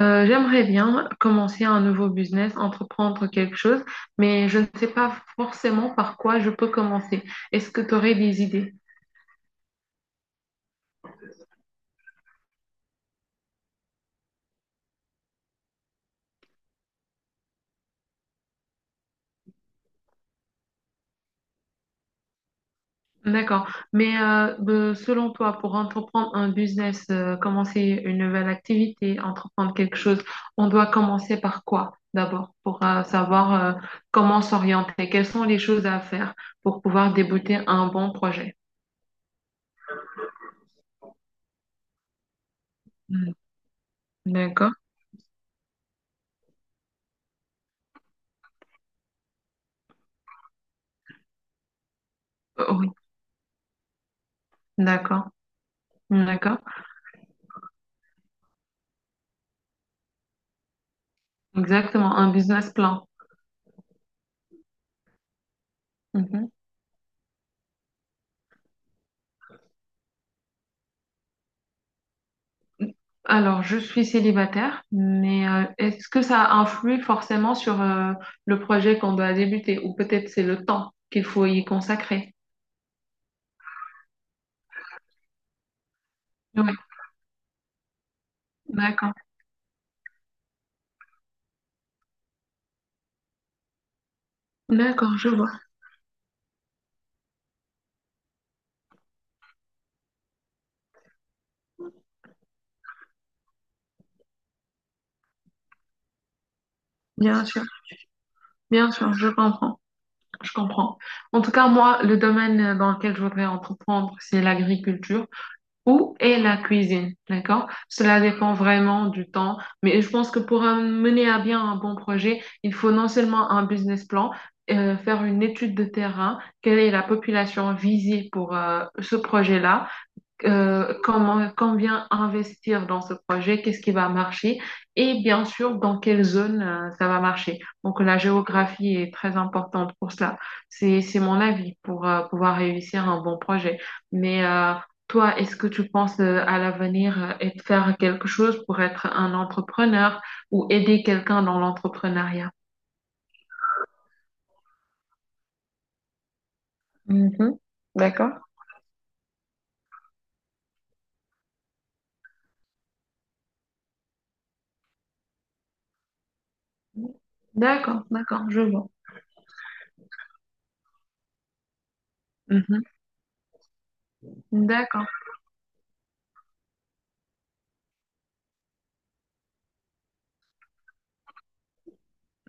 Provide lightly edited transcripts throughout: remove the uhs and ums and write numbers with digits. J'aimerais bien commencer un nouveau business, entreprendre quelque chose, mais je ne sais pas forcément par quoi je peux commencer. Est-ce que tu aurais des idées? D'accord. Mais selon toi, pour entreprendre un business, commencer une nouvelle activité, entreprendre quelque chose, on doit commencer par quoi d'abord pour savoir comment s'orienter? Quelles sont les choses à faire pour pouvoir débuter un bon projet? Hmm. D'accord. Oui, d'accord. D'accord. Exactement. Un business plan. Mhm. Alors, je suis célibataire, mais est-ce que ça influe forcément sur le projet qu'on doit débuter ou peut-être c'est le temps qu'il faut y consacrer? Oui, d'accord. D'accord, je vois. Bien sûr. Bien sûr, je comprends. Je comprends. En tout cas, moi, le domaine dans lequel je voudrais entreprendre, c'est l'agriculture. Où est la cuisine, d'accord? Cela dépend vraiment du temps, mais je pense que pour mener à bien un bon projet, il faut non seulement un business plan, faire une étude de terrain, quelle est la population visée pour ce projet-là, comment, combien investir dans ce projet, qu'est-ce qui va marcher et bien sûr dans quelle zone ça va marcher. Donc la géographie est très importante pour cela. C'est mon avis pour pouvoir réussir un bon projet. Mais toi, est-ce que tu penses à l'avenir et de faire quelque chose pour être un entrepreneur ou aider quelqu'un dans l'entrepreneuriat? Mhm. D'accord. D'accord, d'accord, je vois. Mhm. D'accord.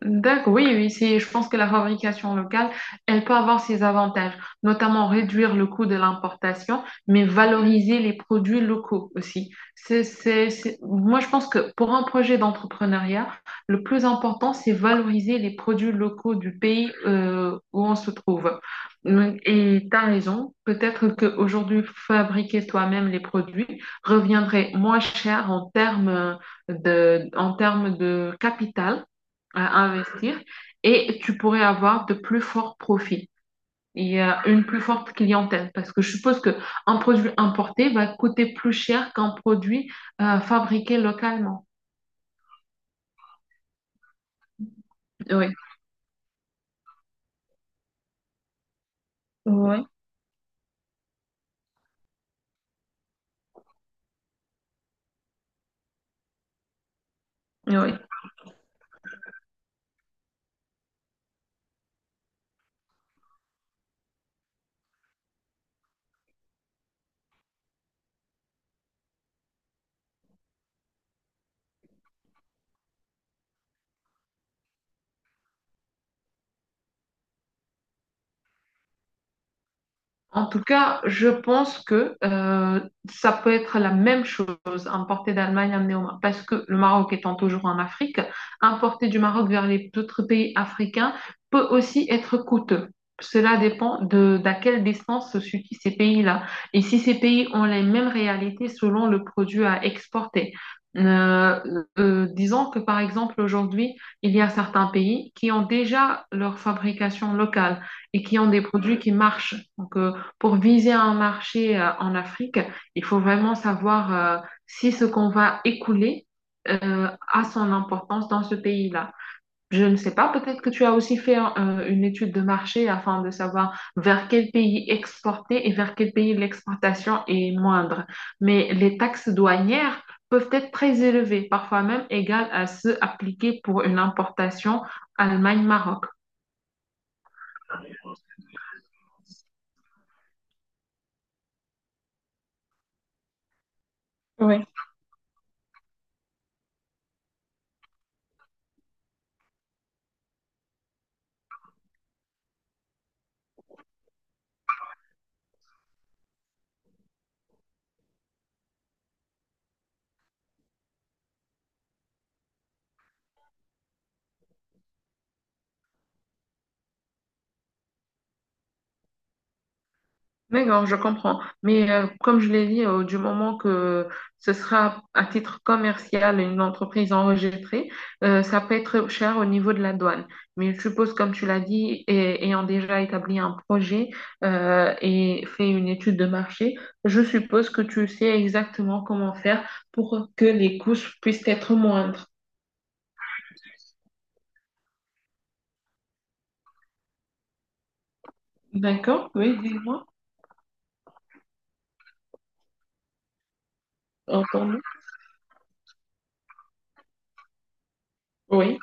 D'accord, oui, oui, je pense que la fabrication locale, elle peut avoir ses avantages, notamment réduire le coût de l'importation, mais valoriser les produits locaux aussi. Moi, je pense que pour un projet d'entrepreneuriat, le plus important, c'est valoriser les produits locaux du pays où on se trouve. Et tu as raison, peut-être qu'aujourd'hui, fabriquer toi-même les produits reviendrait moins cher en termes en termes de capital à investir et tu pourrais avoir de plus forts profits et une plus forte clientèle parce que je suppose que un produit importé va coûter plus cher qu'un produit fabriqué localement. Oui, oui, oui. En tout cas, je pense que ça peut être la même chose, importer d'Allemagne, amener au Maroc, parce que le Maroc étant toujours en Afrique, importer du Maroc vers les autres pays africains peut aussi être coûteux. Cela dépend de d'à quelle distance se situent ces pays-là. Et si ces pays ont les mêmes réalités selon le produit à exporter. Euh, disons que par exemple aujourd'hui, il y a certains pays qui ont déjà leur fabrication locale et qui ont des produits qui marchent. Donc, pour viser un marché en Afrique, il faut vraiment savoir si ce qu'on va écouler a son importance dans ce pays-là. Je ne sais pas, peut-être que tu as aussi fait une étude de marché afin de savoir vers quel pays exporter et vers quel pays l'exportation est moindre. Mais les taxes douanières peuvent être très élevées, parfois même égales à ceux appliqués pour une importation Allemagne-Maroc. Oui, d'accord, je comprends. Mais comme je l'ai dit, du moment que ce sera à titre commercial une entreprise enregistrée, ça peut être cher au niveau de la douane. Mais je suppose, comme tu l'as dit, et, ayant déjà établi un projet et fait une étude de marché, je suppose que tu sais exactement comment faire pour que les coûts puissent être moindres. D'accord? Oui, dis-moi. Entendu? Oui.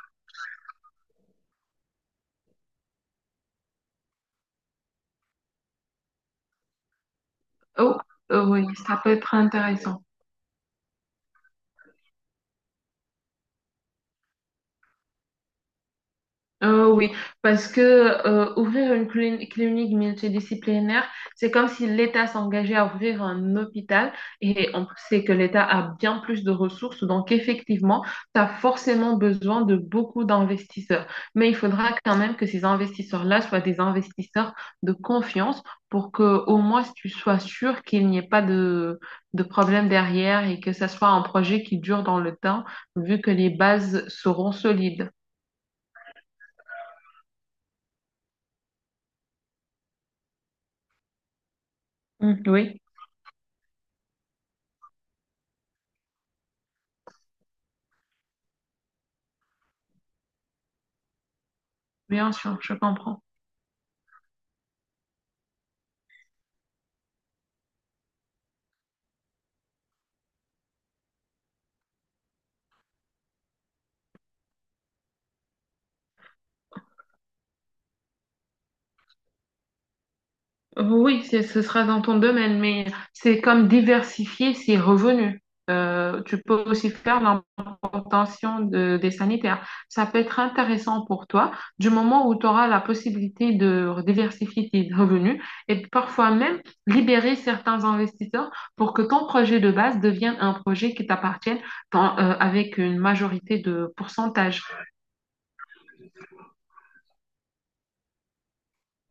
Oh, oui, ça peut être intéressant. Oui, parce que ouvrir une clinique multidisciplinaire, c'est comme si l'État s'engageait à ouvrir un hôpital et on sait que l'État a bien plus de ressources, donc effectivement, tu as forcément besoin de beaucoup d'investisseurs. Mais il faudra quand même que ces investisseurs-là soient des investisseurs de confiance pour que au moins tu sois sûr qu'il n'y ait pas de problème derrière et que ça soit un projet qui dure dans le temps, vu que les bases seront solides. Mm, oui. Bien sûr, je comprends. Ce sera dans ton domaine, mais c'est comme diversifier ses revenus. Tu peux aussi faire l'importation des sanitaires. Ça peut être intéressant pour toi du moment où tu auras la possibilité de diversifier tes revenus et parfois même libérer certains investisseurs pour que ton projet de base devienne un projet qui t'appartienne avec une majorité de pourcentage.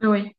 Oui.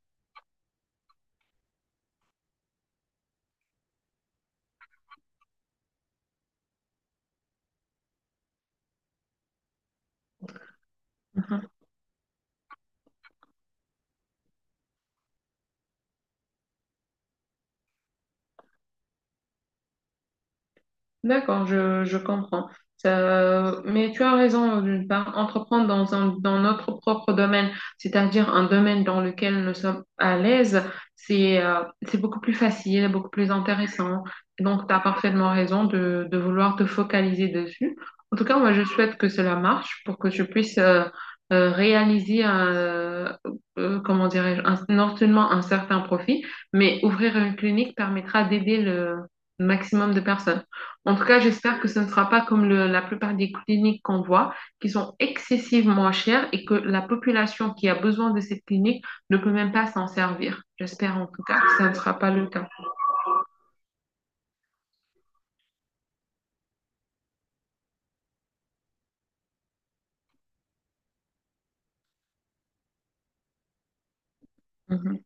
D'accord, je comprends. Mais tu as raison d'une part, entreprendre dans notre propre domaine, c'est-à-dire un domaine dans lequel nous sommes à l'aise, c'est beaucoup plus facile, beaucoup plus intéressant. Donc, tu as parfaitement raison de vouloir te focaliser dessus. En tout cas, moi, je souhaite que cela marche pour que tu puisses euh, réaliser, un, euh, euh, comment dirais-je, non seulement un certain profit, mais ouvrir une clinique permettra d'aider le maximum de personnes. En tout cas, j'espère que ce ne sera pas comme la plupart des cliniques qu'on voit, qui sont excessivement chères et que la population qui a besoin de cette clinique ne peut même pas s'en servir. J'espère en tout cas que ça ne sera pas le cas. Mhm.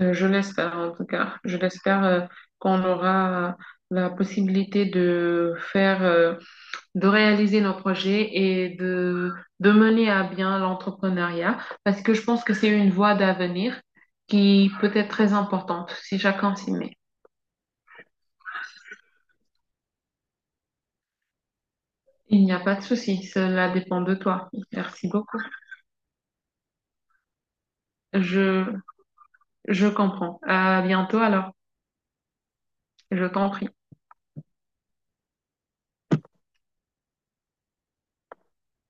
Je l'espère en tout cas. Je l'espère, qu'on aura la possibilité de faire, de réaliser nos projets et de mener à bien l'entrepreneuriat parce que je pense que c'est une voie d'avenir qui peut être très importante si chacun s'y met. Il n'y a pas de souci, cela dépend de toi. Merci beaucoup. Je, je comprends. À bientôt alors. Je t'en prie.